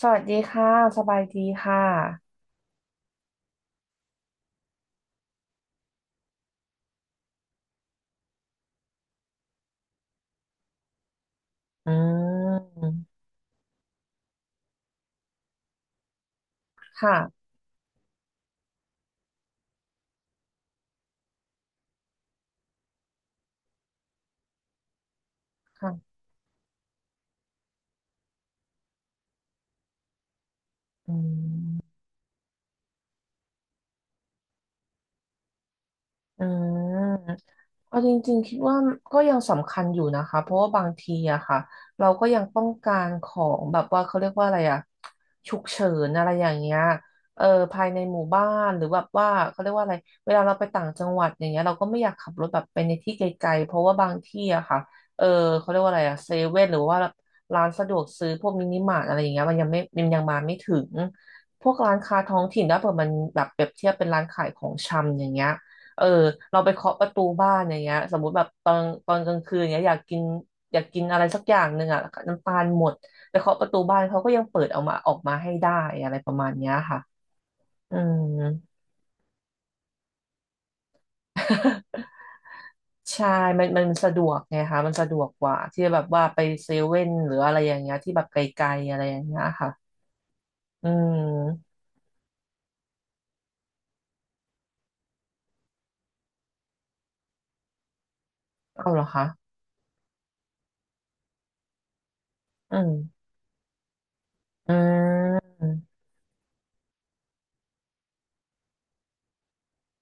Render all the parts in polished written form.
สวัสดีค่ะสบายดีค่ะอืมค่ะค่ะอืม อืมเอาจริงๆคิดว่าก็ยังสำคัญอยู่นะคะเพราะว่าบางทีอะค่ะเราก็ยังต้องการของแบบว่าเขาเรียกว่าอะไรอะฉุกเฉินอะไรอย่างเงี้ยเออภายในหมู่บ้านหรือแบบว่าเขาเรียกว่าอะไรเวลาเราไปต่างจังหวัดอย่างเงี้ยเราก็ไม่อยากขับรถแบบไปในที่ไกลๆเพราะว่าบางที่อะค่ะเออเขาเรียกว่าอะไรอะเซเว่นหรือว่าร้านสะดวกซื้อพวกมินิมาร์ทอะไรอย่างเงี้ยมันยังมาไม่ถึงพวกร้านค้าท้องถิ่นถ้าเผื่อมันแบบเปรียบเทียบเป็นร้านขายของชำอย่างเงี้ย เออเราไปเคาะประตูบ้านอย่างเงี้ยสมมุติแบบตอนกลางคืนเงี้ยอยากกินอะไรสักอย่างหนึ่งอ่ะน้ำตาลหมดไปเคาะประตูบ้านเขาก็ยังเปิดเอามาออกมาให้ได้อะไรประมาณเนี้ยค่ะอืม ใช่มันสะดวกไงคะมันสะดวกกว่าที่แบบว่าไปเซเว่นหรืออะไรอย่างเงี้ยที่แบบไกลๆอะไรอย่างเงี้ยค่ะอืมเอาเหรอคะอืมอืม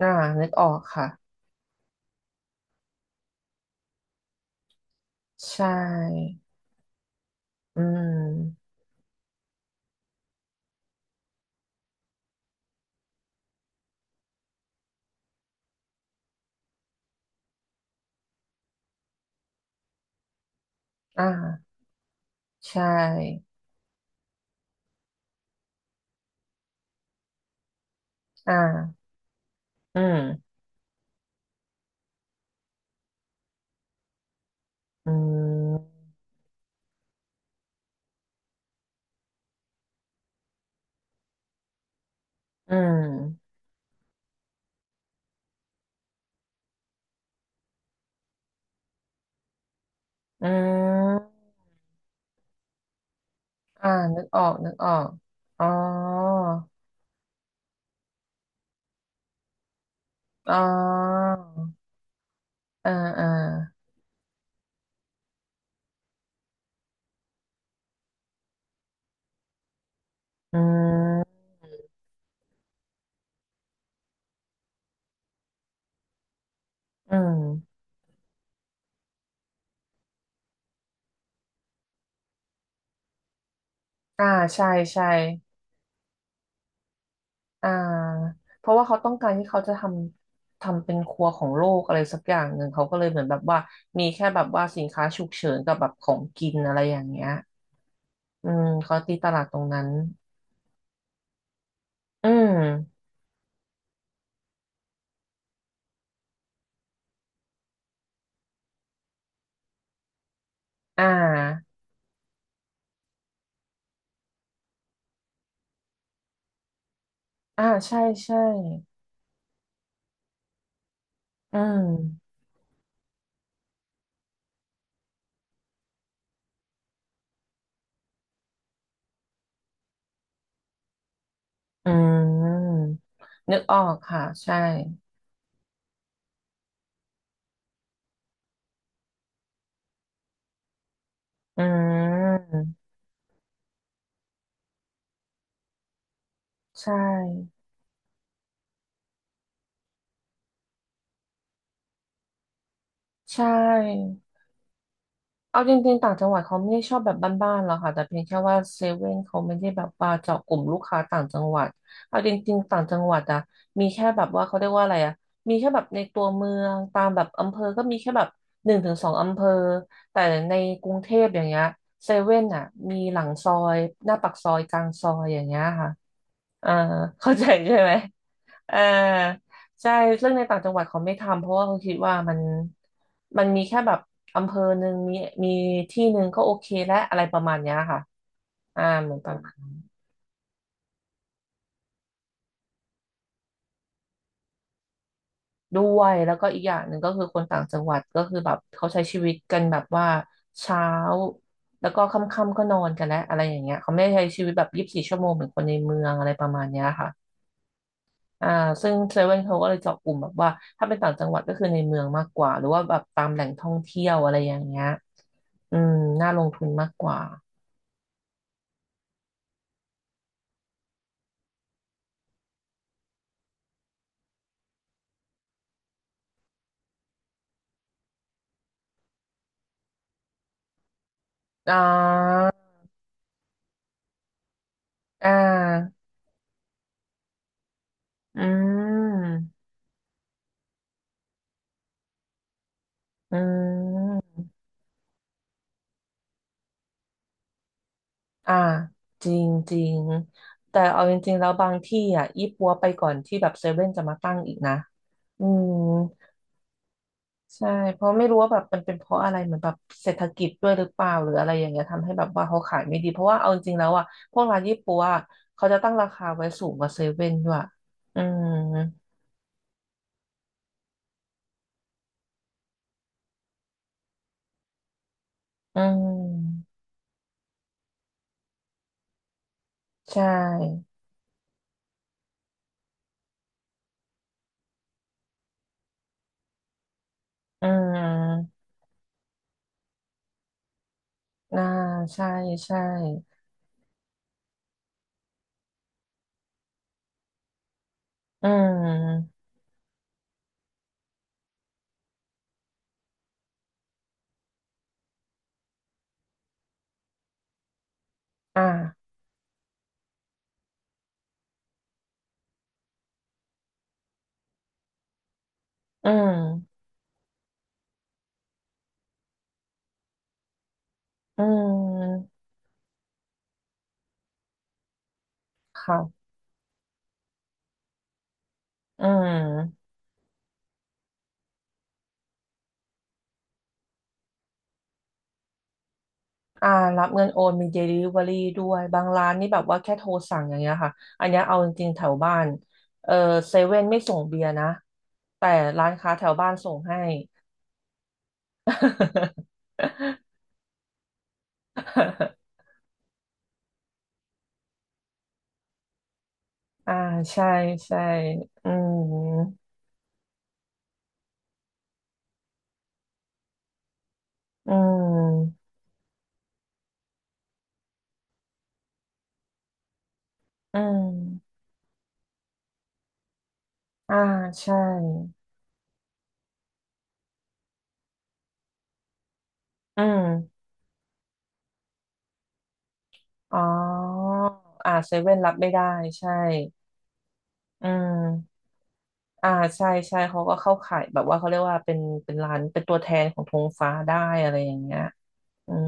อ่านึกออกค่ะใช่อืมอ่าใช่ อ่า อืม อืม อืม อืมอ่านึกออกนึกออกอ๋ออ๋ออ่าอ่าอืม อืม อ่า ใช่ใช่อ่า เพราะว่าเขาต้องการที่เขาจะทำเป็นครัวของโลกอะไรสักอย่างหนึ่งเขาก็เลยเหมือนแบบว่ามีแค่แบบว่าสินค้าฉุกเฉินกับแบบของกินอะไรอย่างเงี้ยอืม เขาตีตลาดตรงนั้น อืม อ่า อ่า ใช่ใช่อืม อืมนึกออกค่ะใช่อืมใช่ใช่ เอาจริงๆต่างจังหวัดเขาไม่ได้ชอบแบบบ้านๆหรอกค่ะแต่เพียงแค่ว่าเซเว่นเขาไม่ได้แบบว่าเจาะกลุ่มลูกค้าต่างจังหวัดเอาจริงๆต่างจังหวัดอะมีแค่แบบว่าเขาเรียกว่าอะไรอะมีแค่แบบในตัวเมืองตามแบบอำเภอก็มีแค่แบบ1 ถึง 2 อำเภอแต่ในกรุงเทพอย่างเงี้ยเซเว่นอะมีหลังซอยหน้าปากซอยกลางซอยอย่างเงี้ยค่ะอ่าเข้าใจใช่ไหมอ่า ใช่เรื่องในต่างจังหวัดเขาไม่ทำเพราะว่าเขาคิดว่ามันมันมีแค่แบบอำเภอหนึ่งมีที่หนึ่งก็โอเคและอะไรประมาณเนี้ยค่ะอ่าเหมือนประมาณนั้นด้วยแล้วก็อีกอย่างหนึ่งก็คือคนต่างจังหวัดก็คือแบบเขาใช้ชีวิตกันแบบว่าเช้าแล้วก็ค่ำๆก็นอนกันแล้วอะไรอย่างเงี้ยเขาไม่ได้ใช้ชีวิตแบบ24 ชั่วโมงเหมือนคนในเมืองอะไรประมาณเนี้ยค่ะ อ่าซึ่งเซเว่นเขาก็เลยเจาะกลุ่มแบบว่าถ้าเป็นต่างจังหวัดก็คือในเมืองมากกว่าหรือว่าแบบตามแหล่งท่องเที่ยวอะไรอย่างเงี้ย อืม น่าลงทุนมากกว่า อ่าอ่าอืม อืม อ่า จริงจริง แต่เอาจริงๆแล้วบางที่อ่ะยี่ปัวไปก่อนที่แบบเซเว่นจะมาตั้งอีกนะอืม ใช่เพราะไม่รู้ว่าแบบมันเป็นเพราะอะไรเหมือนแบบเศรษฐกิจด้วยหรือเปล่าหรืออะไรอย่างเงี้ยทำให้แบบว่าเขาขายไม่ดีเพราะว่าเอาจริงๆแล้วอ่ะพวกร้านยี่ปัวอะเขาจะตั้งราคาไว้สูงกว่าเซเว่นด้วยอืมอืมใช่อืมอ่าใช่ใช่อืมอ่าอืมอืมค่ะอืม อ่ารับเงินโอนมี Delivery ด้วยบางร้านนี่แบบว่าแค่โทรสั่งอย่างเงี้ยค่ะอันเนี้ยเอาจริงๆแถวบ้านเออเซเว่นไม่ส่งเบียร์นะแต่ร้านค้าแถวบ้านส่งให้ อ่าใช่ใช่อืมอืมอืมอ่าใช่อืมอ๋ออ่าเซเว่นรับไม่ได้ใช่อืม อ่าใช่ใช่เขาก็เข้าข่ายแบบว่าเขาเรียกว่าเป็นเป็นร้านเป็นตัวแทนของธงฟ้าได้อะไรอย่างเงี้ยอืม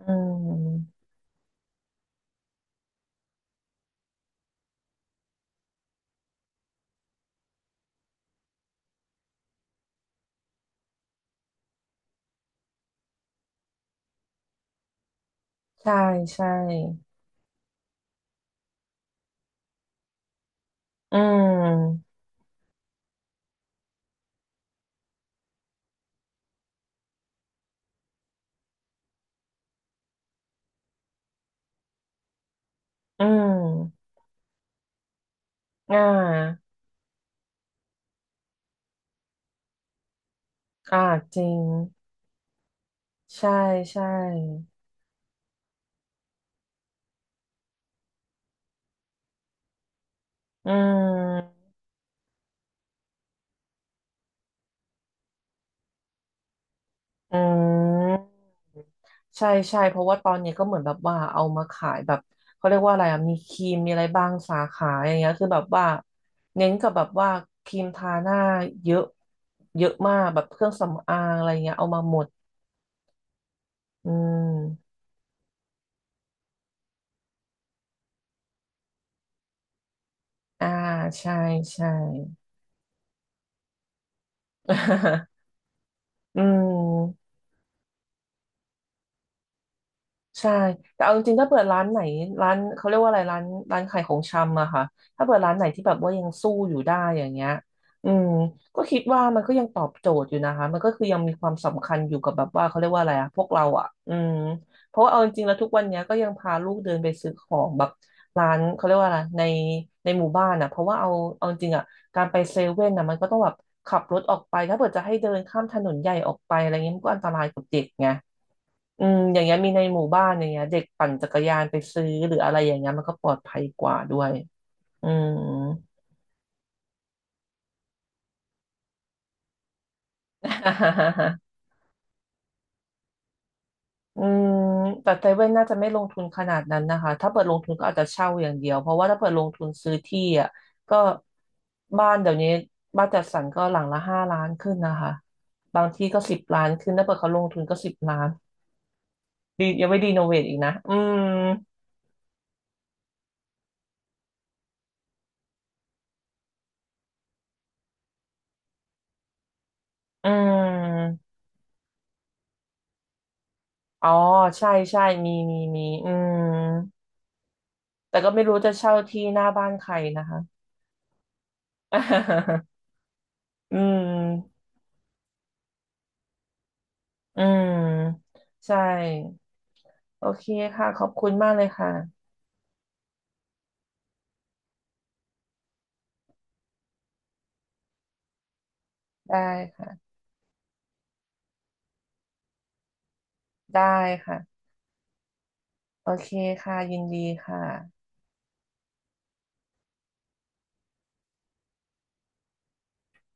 อืมใช่ใช่อืมอืมอ่าอ่าจริงใช่ใช่อืมอืม ใช่ใช่เพราะว่าตอนนี้ก็เหมือนแบบว่าเอามาขายแบบเขาเรียกว่าอะไรอะมีครีมมีอะไรบ้างสาขาอย่างเงี้ยคือแบบว่าเน้นกับแบบว่าครีมทาหน้าเยอะเยอะมากแบบเครื่องสำอางอะไรเงี้ยเอามาหมดอืมอ่าใช่ใช่ อืม ใช่แต่เอาจริงๆถ้าเปิดร้านไหนร้านเขาเรียกว่าอะไรร้านร้านขายของชำอะค่ะถ้าเปิดร้านไหนที่แบบว่ายังสู้อยู่ได้อย่างเงี้ยอืมก็คิดว่ามันก็ยังตอบโจทย์อยู่นะคะมันก็คือยังมีความสำคัญอยู่กับแบบว่าเขาเรียกว่าอะไรอะพวกเราอะอืมเพราะว่าเอาจริงๆแล้วทุกวันเนี้ยก็ยังพาลูกเดินไปซื้อของแบบร้านเขาเรียกว่าอะไรในในหมู่บ้านอะเพราะว่าเอาจริงๆอะการไปเซเว่นอะมันก็ต้องแบบขับรถออกไปถ้าเปิดจะให้เดินข้ามถนนใหญ่ออกไปอะไรเงี้ยมันก็อันตรายกับเด็กไง อืมอย่างเงี้ยมีในหมู่บ้านอย่างเงี้ยเด็กปั่นจักรยานไปซื้อหรืออะไรอย่างเงี้ยมันก็ปลอดภัยกว่าด้วยอืม อืมแต่เซเว่นน่าจะไม่ลงทุนขนาดนั้นนะคะถ้าเปิดลงทุนก็อาจจะเช่าอย่างเดียวเพราะว่าถ้าเปิดลงทุนซื้อที่อ่ะก็บ้านเดี๋ยวนี้บ้านจัดสรรก็หลังละ5 ล้านขึ้นนะคะบางที่ก็สิบล้านขึ้นถ้าเปิดเขาลงทุนก็สิบล้านดียังไม่รีโนเวทอีกนะอืมอืมอ๋อใช่ใช่มีมีมีอืม แต่ก็ไม่รู้จะเช่าที่หน้าบ้านใครนะคะ อืมอืมใช่ โอเคค่ะ ขอบคุณมากเลยค่ะ ได้ค่ะ ได้ค่ะ โอเคค่ะ ยินดีค่ะ